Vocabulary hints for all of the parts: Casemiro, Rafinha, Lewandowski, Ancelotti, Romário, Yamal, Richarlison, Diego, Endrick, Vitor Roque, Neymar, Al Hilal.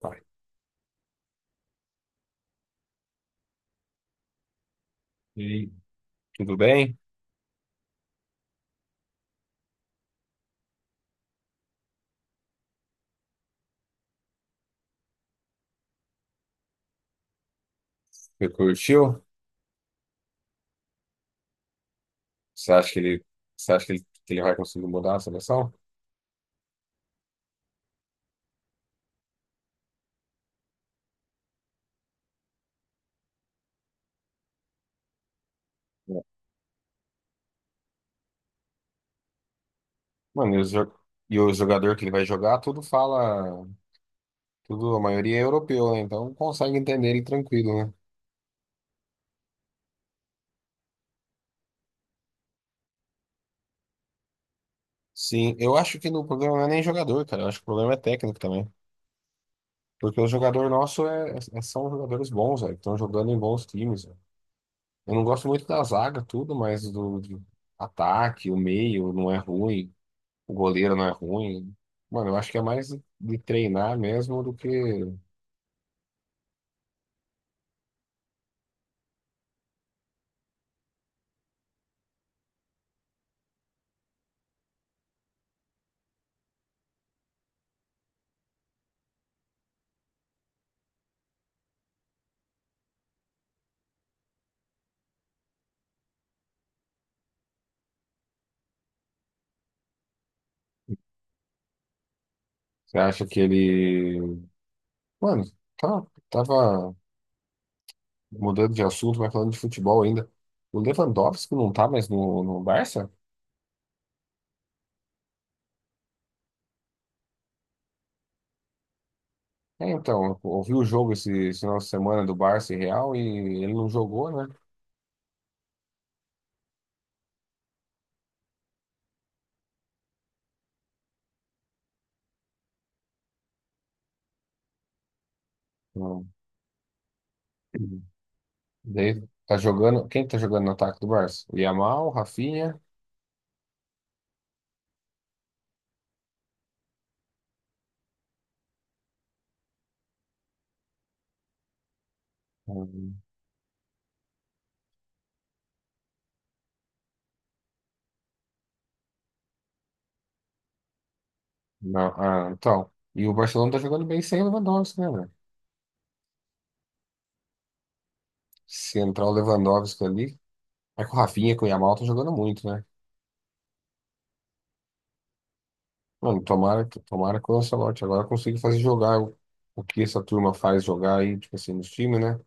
Tá. E aí, tudo bem? Você curtiu? Você acha que ele, você acha que ele vai conseguir mudar a seleção? É. Mano, e o jogador que ele vai jogar, tudo fala, tudo, a maioria é europeu, né? Então consegue entender ele tranquilo, né? Sim, eu acho que no problema não é nem jogador, cara. Eu acho que o problema é técnico também. Porque o jogador nosso são jogadores bons, velho, que estão jogando em bons times, velho. Eu não gosto muito da zaga, tudo, mas do ataque, o meio não é ruim. O goleiro não é ruim. Mano, eu acho que é mais de treinar mesmo do que você acha que ele. Mano, tá, tava mudando de assunto, mas falando de futebol ainda. O Lewandowski não tá mais no Barça? É, então, eu ouvi o jogo esse final de semana do Barça e Real e ele não jogou, né? Não. Daí tá jogando. Quem tá jogando no ataque do Barça? O Yamal, o Rafinha. Hum. Não, ah, então. E o Barcelona tá jogando bem sem o Lewandowski, né? Se entrar o Lewandowski ali. É que o Rafinha com o Yamal tá jogando muito, né? Mano, tomara que o Ancelotti agora consiga fazer jogar o que essa turma faz jogar aí, tipo assim, nos times, né?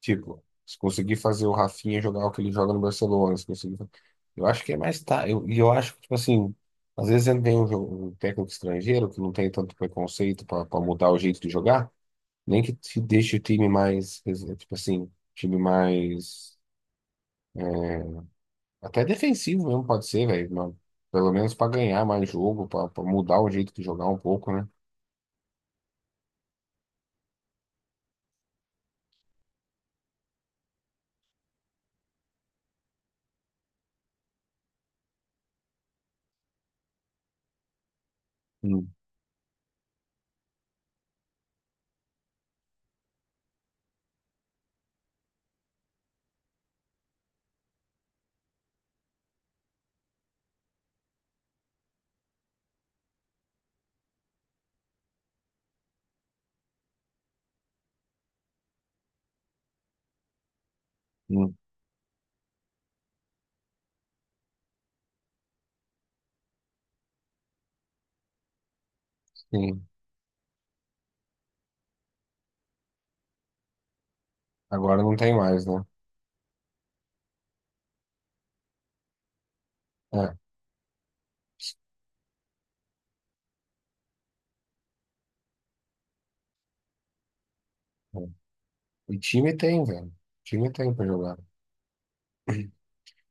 Tipo, se conseguir fazer o Rafinha jogar o que ele joga no Barcelona, se conseguir. Fa- Eu acho que é mais tá. Eu acho que, tipo assim, às vezes vem um técnico estrangeiro que não tem tanto preconceito pra mudar o jeito de jogar, nem que te deixe o time mais, tipo assim, time mais. é, Até defensivo mesmo pode ser, velho, mas pelo menos pra ganhar mais jogo, pra mudar o jeito de jogar um pouco, né? Hum, hum, sim. Agora não tem mais, né? É. É. E time tem, velho. Time tem pra jogar.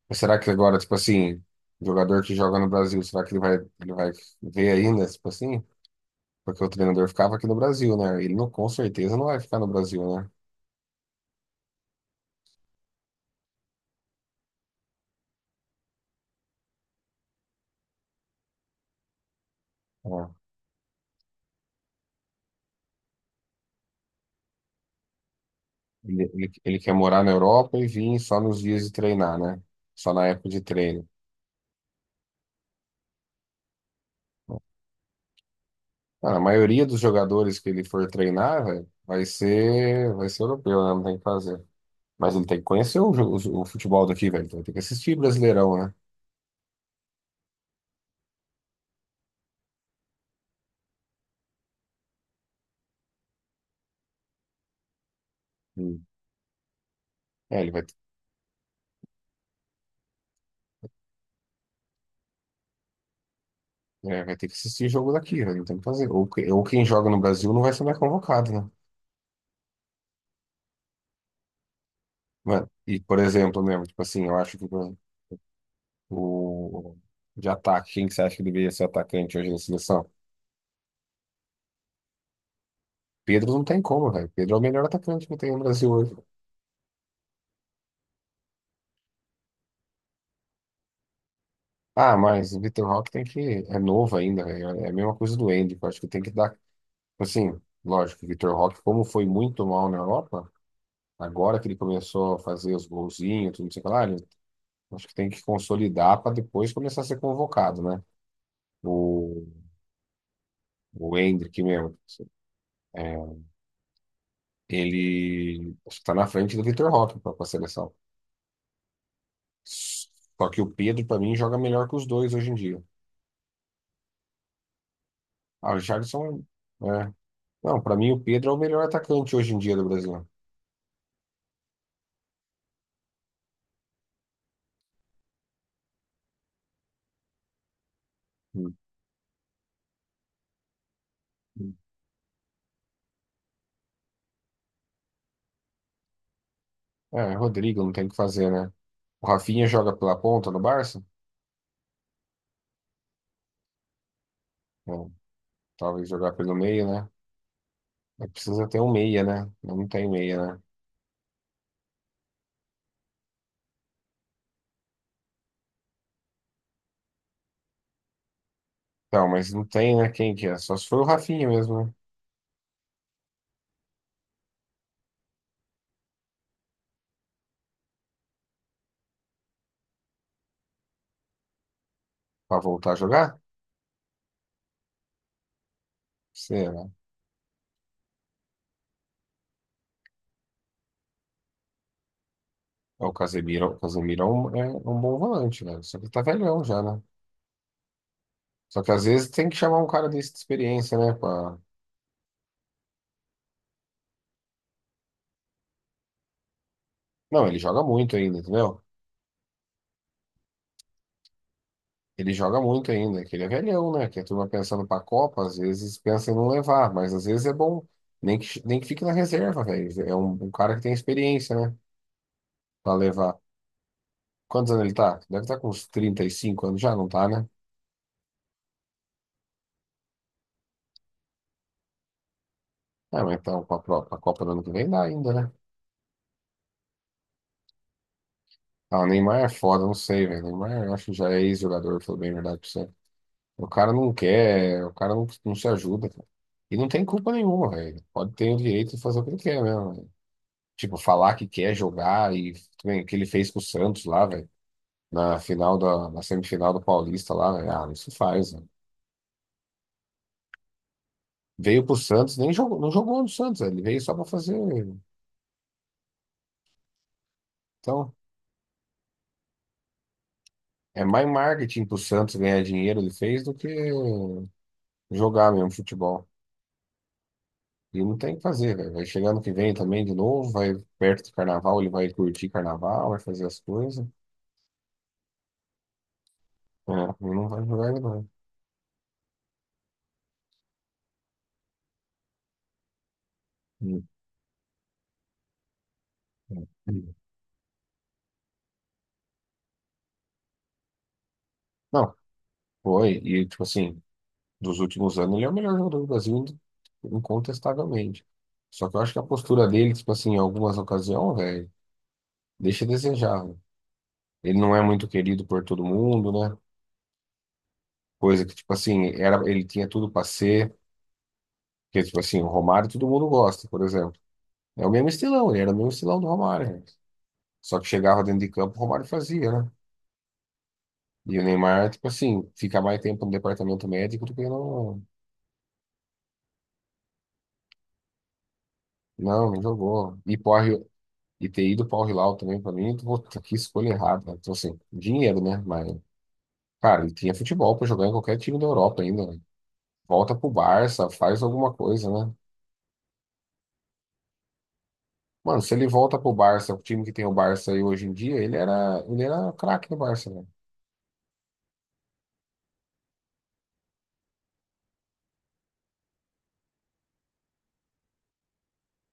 Mas será que agora, tipo assim, o jogador que joga no Brasil, será que ele vai ver ainda, tipo assim? Porque o treinador ficava aqui no Brasil, né? Ele não, com certeza não vai ficar no Brasil, né? É. Ele quer morar na Europa e vir só nos dias de treinar, né? Só na época de treino. Ah, a maioria dos jogadores que ele for treinar, velho, vai ser europeu, né? Não tem o que fazer. Mas ele tem que conhecer o, jo- o futebol daqui, velho. Então, ele tem que assistir Brasileirão, né? Hum. É, ele vai, ter- é, vai ter que assistir jogo daqui, velho. Não tem o que fazer. Ou quem joga no Brasil não vai ser mais convocado, né? Mano, e, por exemplo, mesmo, tipo assim, eu acho que o- de ataque, quem que você acha que deveria ser atacante hoje na seleção? Pedro não tem como, velho. Pedro é o melhor atacante que tem no Brasil hoje. Ah, mas o Vitor Roque tem que. É novo ainda, velho. É a mesma coisa do Endrick. Eu acho que tem que dar. Assim, lógico, o Vitor Roque, como foi muito mal na Europa, agora que ele começou a fazer os golzinhos, tudo não sei o que lá, acho que tem que consolidar para depois começar a ser convocado, né? O, o Endrick mesmo. É, ele está na frente do Vitor Roque para a seleção. Só que o Pedro, para mim, joga melhor que os dois hoje em dia. Ah, o Richarlison. É. Não, para mim, o Pedro é o melhor atacante hoje em dia do Brasil. É, Rodrigo, não tem o que fazer, né? O Rafinha joga pela ponta no Barça? Bom, talvez jogar pelo meio, né? Mas precisa ter um meia, né? Não tem meia, né? Então, mas não tem, né? Quem que é? Só se for o Rafinha mesmo, né? Pra voltar a jogar? Será? O Casemiro é um é um bom volante, né? Só que ele tá velhão já, né? Só que às vezes tem que chamar um cara desse de experiência, né? Pra... Não, ele joga muito ainda, entendeu? Ele joga muito ainda, que ele é velhão, né? Que a turma pensando pra Copa, às vezes pensa em não levar, mas às vezes é bom. Nem que fique na reserva, velho. É um cara que tem experiência, né? Pra levar. Quantos anos ele tá? Deve estar com uns 35 anos já, não tá, né? É, mas então, pra Copa do ano que vem dá ainda, né? Ah, o Neymar é foda, não sei, velho. O Neymar, eu acho que já é ex-jogador, falou bem a verdade pra você. O cara não quer, o cara não se ajuda, cara. E não tem culpa nenhuma, velho. Pode ter o direito de fazer o que ele quer mesmo. Tipo, falar que quer jogar e também o que ele fez com o Santos lá, velho, na semifinal do Paulista lá, velho. Ah, isso faz, velho. Veio pro Santos, nem jogou, não jogou no Santos, velho. Ele veio só pra fazer. Então, é mais marketing pro Santos ganhar dinheiro ele fez do que jogar mesmo futebol. E não tem o que fazer, velho. Vai chegar ano que vem também de novo, vai perto do carnaval, ele vai curtir carnaval, vai fazer as coisas. É, e não vai jogar de novo. Hum, hum, hum. Não, foi. E, tipo assim, dos últimos anos, ele é o melhor jogador do Brasil, incontestavelmente. Só que eu acho que a postura dele, tipo assim, em algumas ocasiões, velho, deixa a desejar, velho. Ele não é muito querido por todo mundo, né? Coisa que, tipo assim, era, ele tinha tudo pra ser, que, tipo assim, o Romário todo mundo gosta, por exemplo. É o mesmo estilão, ele era o mesmo estilão do Romário, velho. Só que chegava dentro de campo, o Romário fazia, né? E o Neymar, tipo assim, fica mais tempo no departamento médico do que no. Não, não jogou. E, porra, e ter ido para o Hilal também, para mim, puta, que escolha errada, né? Então, assim, dinheiro, né? Mas, cara, ele tinha futebol para jogar em qualquer time da Europa ainda, né? Volta pro Barça, faz alguma coisa, né? Mano, se ele volta pro Barça, o time que tem o Barça aí hoje em dia, ele era craque no Barça, né?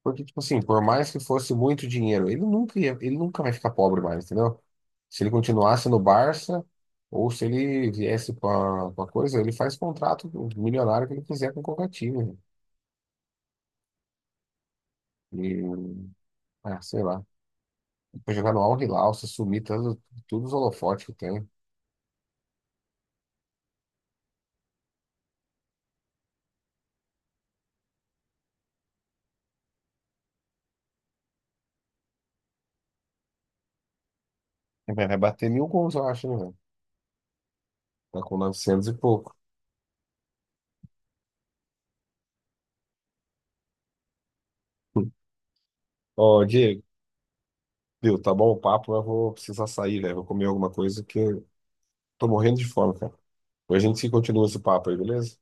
Porque, tipo assim, por mais que fosse muito dinheiro, ele nunca vai ficar pobre mais, entendeu? Se ele continuasse no Barça, ou se ele viesse para coisa, ele faz contrato milionário que ele quiser com qualquer time, né? E, ah, sei lá. Foi jogar no Al Hilal, se sumir, todos os holofotes que tem. Vai bater 1.000 gols, eu acho, né, velho? Tá com 900 e pouco. Ó, Diego, viu, tá bom o papo, mas eu vou precisar sair, velho. Vou comer alguma coisa que eu tô morrendo de fome, cara. Depois a gente continua esse papo aí, beleza?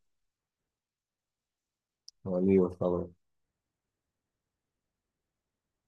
Valeu, falou.